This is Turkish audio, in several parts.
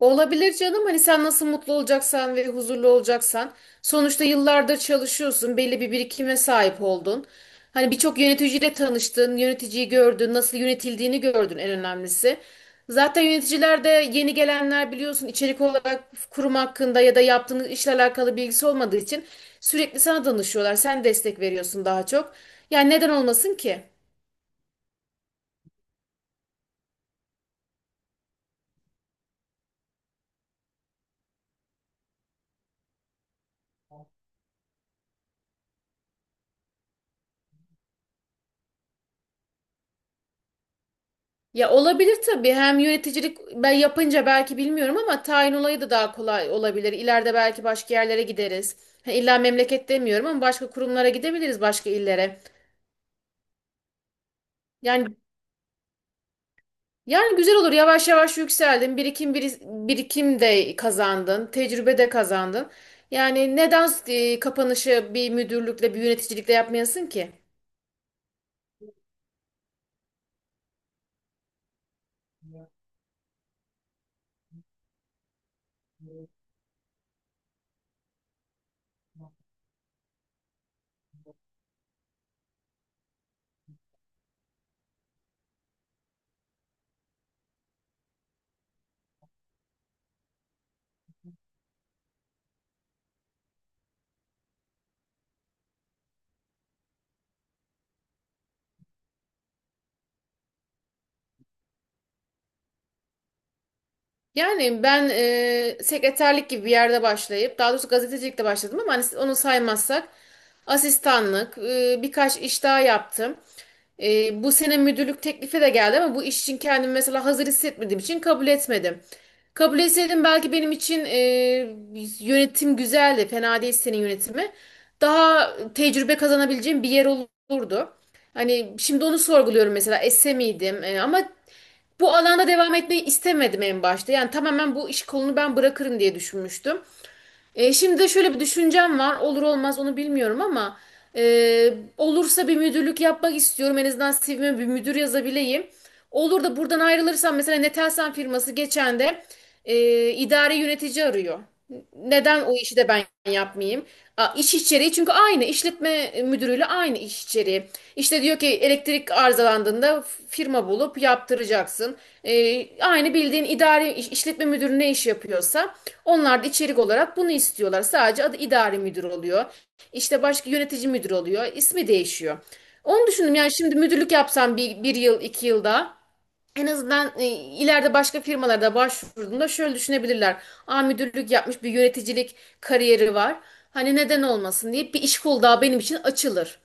Olabilir canım, hani sen nasıl mutlu olacaksan ve huzurlu olacaksan, sonuçta yıllardır çalışıyorsun, belli bir birikime sahip oldun. Hani birçok yöneticiyle tanıştın, yöneticiyi gördün, nasıl yönetildiğini gördün en önemlisi. Zaten yöneticiler de, yeni gelenler biliyorsun, içerik olarak kurum hakkında ya da yaptığınız işle alakalı bilgisi olmadığı için sürekli sana danışıyorlar. Sen destek veriyorsun daha çok. Yani neden olmasın ki? Ya olabilir tabii. Hem yöneticilik ben yapınca belki bilmiyorum ama tayin olayı da daha kolay olabilir. İleride belki başka yerlere gideriz. Ha, İlla memleket demiyorum ama başka kurumlara gidebiliriz, başka illere. Yani yani güzel olur. Yavaş yavaş yükseldin. Birikim de kazandın. Tecrübe de kazandın. Yani neden kapanışı bir müdürlükle, bir yöneticilikle yapmayasın ki? Yani ben sekreterlik gibi bir yerde başlayıp, daha doğrusu gazetecilikte başladım, ama hani onu saymazsak asistanlık, birkaç iş daha yaptım. Bu sene müdürlük teklifi de geldi ama bu iş için kendimi mesela hazır hissetmediğim için kabul etmedim. Kabul etseydim belki benim için yönetim güzeldi, fena değil senin yönetimi. Daha tecrübe kazanabileceğim bir yer olurdu. Hani şimdi onu sorguluyorum mesela, esse miydim? Ama bu alanda devam etmeyi istemedim en başta. Yani tamamen bu iş kolunu ben bırakırım diye düşünmüştüm. Şimdi de şöyle bir düşüncem var. Olur olmaz onu bilmiyorum ama olursa bir müdürlük yapmak istiyorum. En azından CV'me bir müdür yazabileyim. Olur da buradan ayrılırsam, mesela Netelsan firması geçen de idari yönetici arıyor. Neden o işi de ben yapmayayım? A, iş içeriği çünkü aynı, işletme müdürüyle aynı iş içeriği. İşte diyor ki, elektrik arızalandığında firma bulup yaptıracaksın. Aynı bildiğin idari işletme müdürü ne iş yapıyorsa, onlar da içerik olarak bunu istiyorlar. Sadece adı idari müdür oluyor. İşte başka yönetici müdür oluyor. İsmi değişiyor. Onu düşündüm. Yani şimdi müdürlük yapsam bir yıl, iki yılda en azından ileride başka firmalarda başvurduğumda şöyle düşünebilirler: aa, müdürlük yapmış, bir yöneticilik kariyeri var. Hani neden olmasın deyip bir iş kolu daha benim için açılır.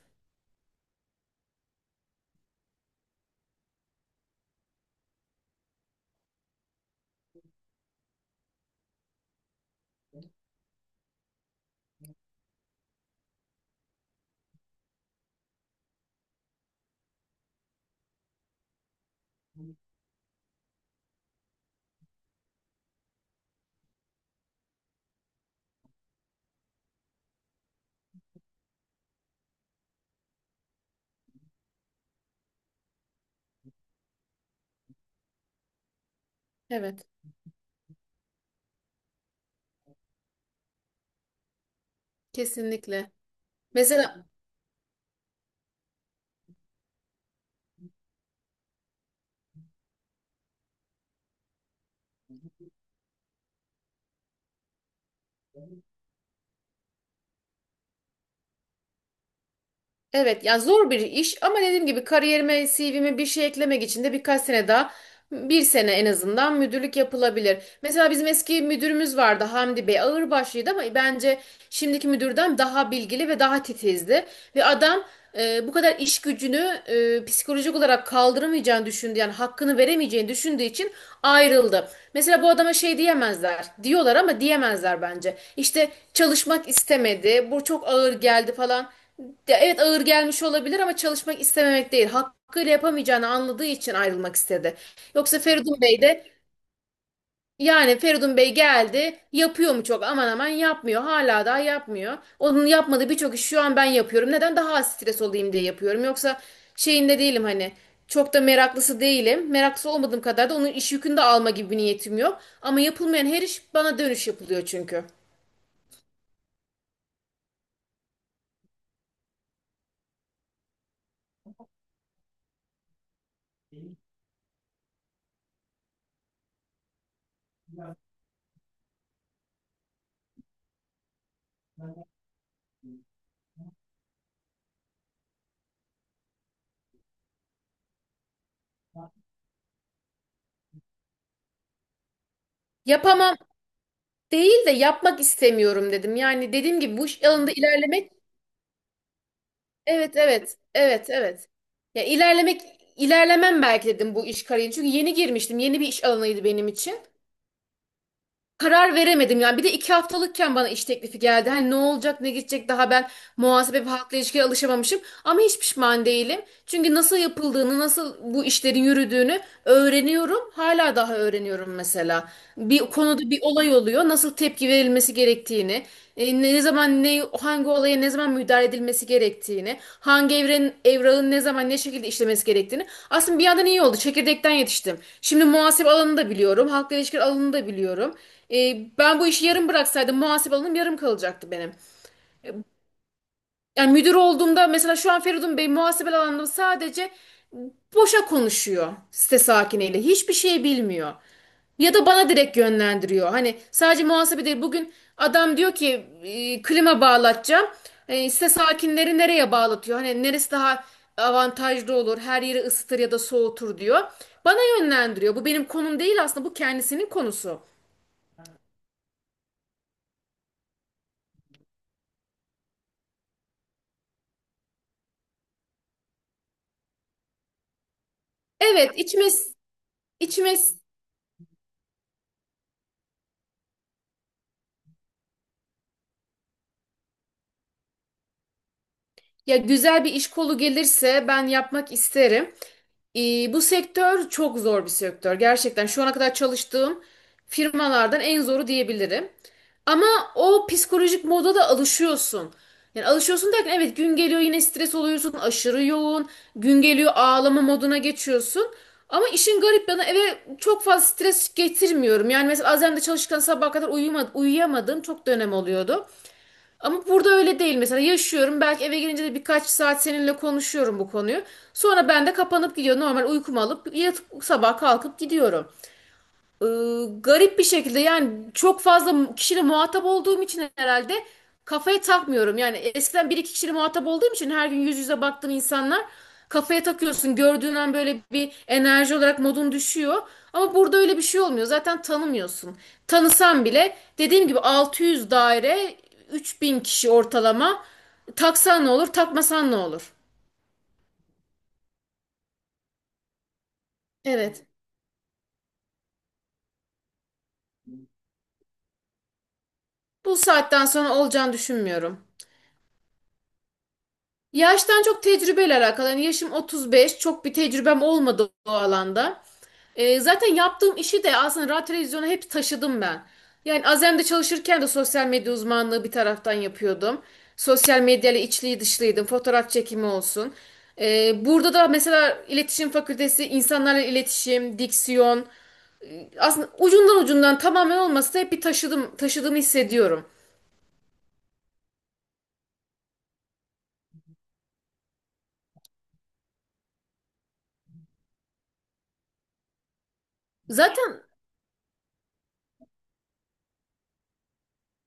Evet, kesinlikle. Mesela Evet ya, zor bir iş ama dediğim gibi, kariyerime, CV'me bir şey eklemek için de birkaç sene daha, bir sene en azından müdürlük yapılabilir. Mesela bizim eski müdürümüz vardı, Hamdi Bey, ağırbaşlıydı ama bence şimdiki müdürden daha bilgili ve daha titizdi. Ve adam bu kadar iş gücünü psikolojik olarak kaldıramayacağını düşündü, yani hakkını veremeyeceğini düşündüğü için ayrıldı. Mesela bu adama şey diyemezler, diyorlar ama diyemezler bence. İşte çalışmak istemedi, bu çok ağır geldi falan. Ya evet, ağır gelmiş olabilir ama çalışmak istememek değil. Hakkıyla yapamayacağını anladığı için ayrılmak istedi. Yoksa Feridun Bey de, yani Feridun Bey geldi, yapıyor mu çok aman aman? Yapmıyor. Hala daha yapmıyor. Onun yapmadığı birçok işi şu an ben yapıyorum. Neden? Daha az stres olayım diye yapıyorum. Yoksa şeyinde değilim, hani çok da meraklısı değilim. Meraklısı olmadığım kadar da onun iş yükünü de alma gibi bir niyetim yok. Ama yapılmayan her iş bana dönüş yapılıyor çünkü. Yapamam değil de, yapmak istemiyorum dedim. Yani dediğim gibi bu iş alanında ilerlemek, evet evet evet evet. Ya, ilerlemek, ilerlemem belki dedim bu iş kariyeri. Çünkü yeni girmiştim. Yeni bir iş alanıydı benim için, karar veremedim yani. Bir de iki haftalıkken bana iş teklifi geldi. Hani ne olacak ne gidecek, daha ben muhasebe ve halkla ilişkiye alışamamışım. Ama hiç pişman değilim. Çünkü nasıl yapıldığını, nasıl bu işlerin yürüdüğünü öğreniyorum. Hala daha öğreniyorum mesela. Bir konuda bir olay oluyor, nasıl tepki verilmesi gerektiğini, ne zaman, ne hangi olaya ne zaman müdahale edilmesi gerektiğini, hangi evrenin, evrağın ne zaman ne şekilde işlemesi gerektiğini. Aslında bir yandan iyi oldu. Çekirdekten yetiştim. Şimdi muhasebe alanını da biliyorum. Halkla ilişkiler alanını da biliyorum. Ben bu işi yarım bıraksaydım muhasebe alanım yarım kalacaktı benim. Yani müdür olduğumda mesela, şu an Feridun Bey muhasebe alanında sadece boşa konuşuyor site sakiniyle. Hiçbir şey bilmiyor. Ya da bana direkt yönlendiriyor. Hani sadece muhasebe değil. Bugün adam diyor ki klima bağlatacağım. Size sakinleri nereye bağlatıyor, hani neresi daha avantajlı olur, her yeri ısıtır ya da soğutur diyor. Bana yönlendiriyor. Bu benim konum değil aslında. Bu kendisinin konusu. Evet, içime. Ya, güzel bir iş kolu gelirse ben yapmak isterim. Bu sektör çok zor bir sektör. Gerçekten şu ana kadar çalıştığım firmalardan en zoru diyebilirim. Ama o psikolojik moda da alışıyorsun. Yani alışıyorsun derken, evet, gün geliyor yine stres oluyorsun, aşırı yoğun. Gün geliyor ağlama moduna geçiyorsun. Ama işin garip yanı, eve çok fazla stres getirmiyorum. Yani mesela Azem'de çalışırken sabaha kadar uyuyamadığım çok dönem oluyordu. Ama burada öyle değil mesela, yaşıyorum belki eve gelince de birkaç saat seninle konuşuyorum bu konuyu. Sonra ben de kapanıp gidiyorum, normal uykumu alıp yatıp sabah kalkıp gidiyorum. Ee, Garip bir şekilde yani, çok fazla kişiyle muhatap olduğum için herhalde kafaya takmıyorum. Yani eskiden bir iki kişiyle muhatap olduğum için, her gün yüz yüze baktığım insanlar, kafaya takıyorsun. Gördüğün an böyle bir enerji olarak modun düşüyor. Ama burada öyle bir şey olmuyor. Zaten tanımıyorsun. Tanısan bile, dediğim gibi 600 daire, 3.000 kişi ortalama. Taksan ne olur, takmasan ne olur? Evet. Bu saatten sonra olacağını düşünmüyorum. Yaştan çok tecrübeyle alakalı. Yani yaşım 35, çok bir tecrübem olmadı o alanda. Zaten yaptığım işi de aslında radyo televizyona hep taşıdım ben. Yani Azem'de çalışırken de sosyal medya uzmanlığı bir taraftan yapıyordum. Sosyal medyayla içli dışlıydım. Fotoğraf çekimi olsun. Burada da mesela iletişim fakültesi, insanlarla iletişim, diksiyon. Aslında ucundan ucundan, tamamen olmasa da, hep bir taşıdım, taşıdığımı hissediyorum. Zaten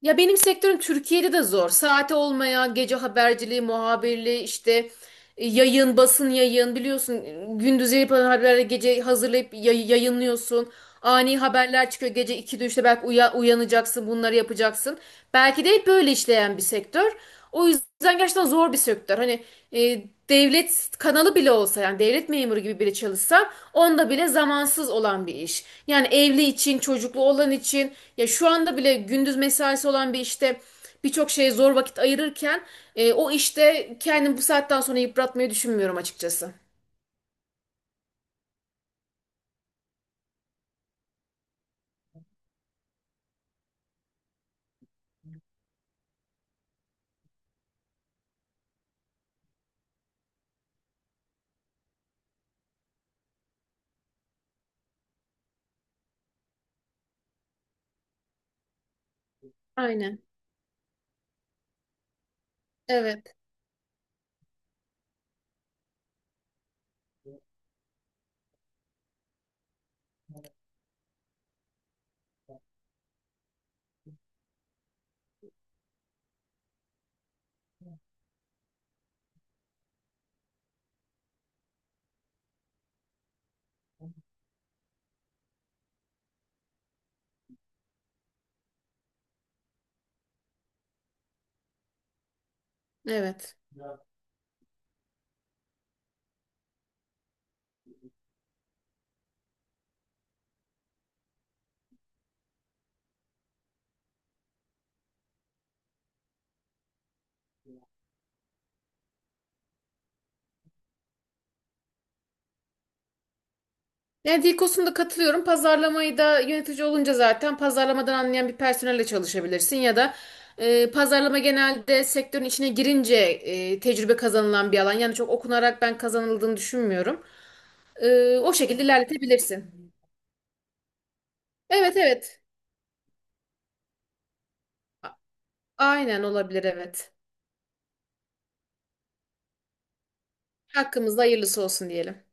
Ya benim sektörüm Türkiye'de de zor. Saati olmayan gece haberciliği, muhabirliği, işte yayın, basın yayın biliyorsun. Gündüz yapılan haberleri gece hazırlayıp yayınlıyorsun. Ani haberler çıkıyor, gece 2'de, 3'te belki uyanacaksın, bunları yapacaksın. Belki de hep böyle işleyen bir sektör. O yüzden gerçekten zor bir sektör. Hani e, devlet kanalı bile olsa, yani devlet memuru gibi biri çalışsa, onda bile zamansız olan bir iş. Yani evli için, çocuklu olan için, ya şu anda bile gündüz mesaisi olan bir işte birçok şeye zor vakit ayırırken, o işte kendimi bu saatten sonra yıpratmayı düşünmüyorum açıkçası. Aynen. Evet, evet. Yani dil, katılıyorum. Pazarlamayı da yönetici olunca zaten pazarlamadan anlayan bir personelle çalışabilirsin, ya da pazarlama genelde sektörün içine girince tecrübe kazanılan bir alan. Yani çok okunarak ben kazanıldığını düşünmüyorum. E, o şekilde ilerletebilirsin. Evet evet. A, aynen, olabilir, evet. Hakkımızda hayırlısı olsun diyelim.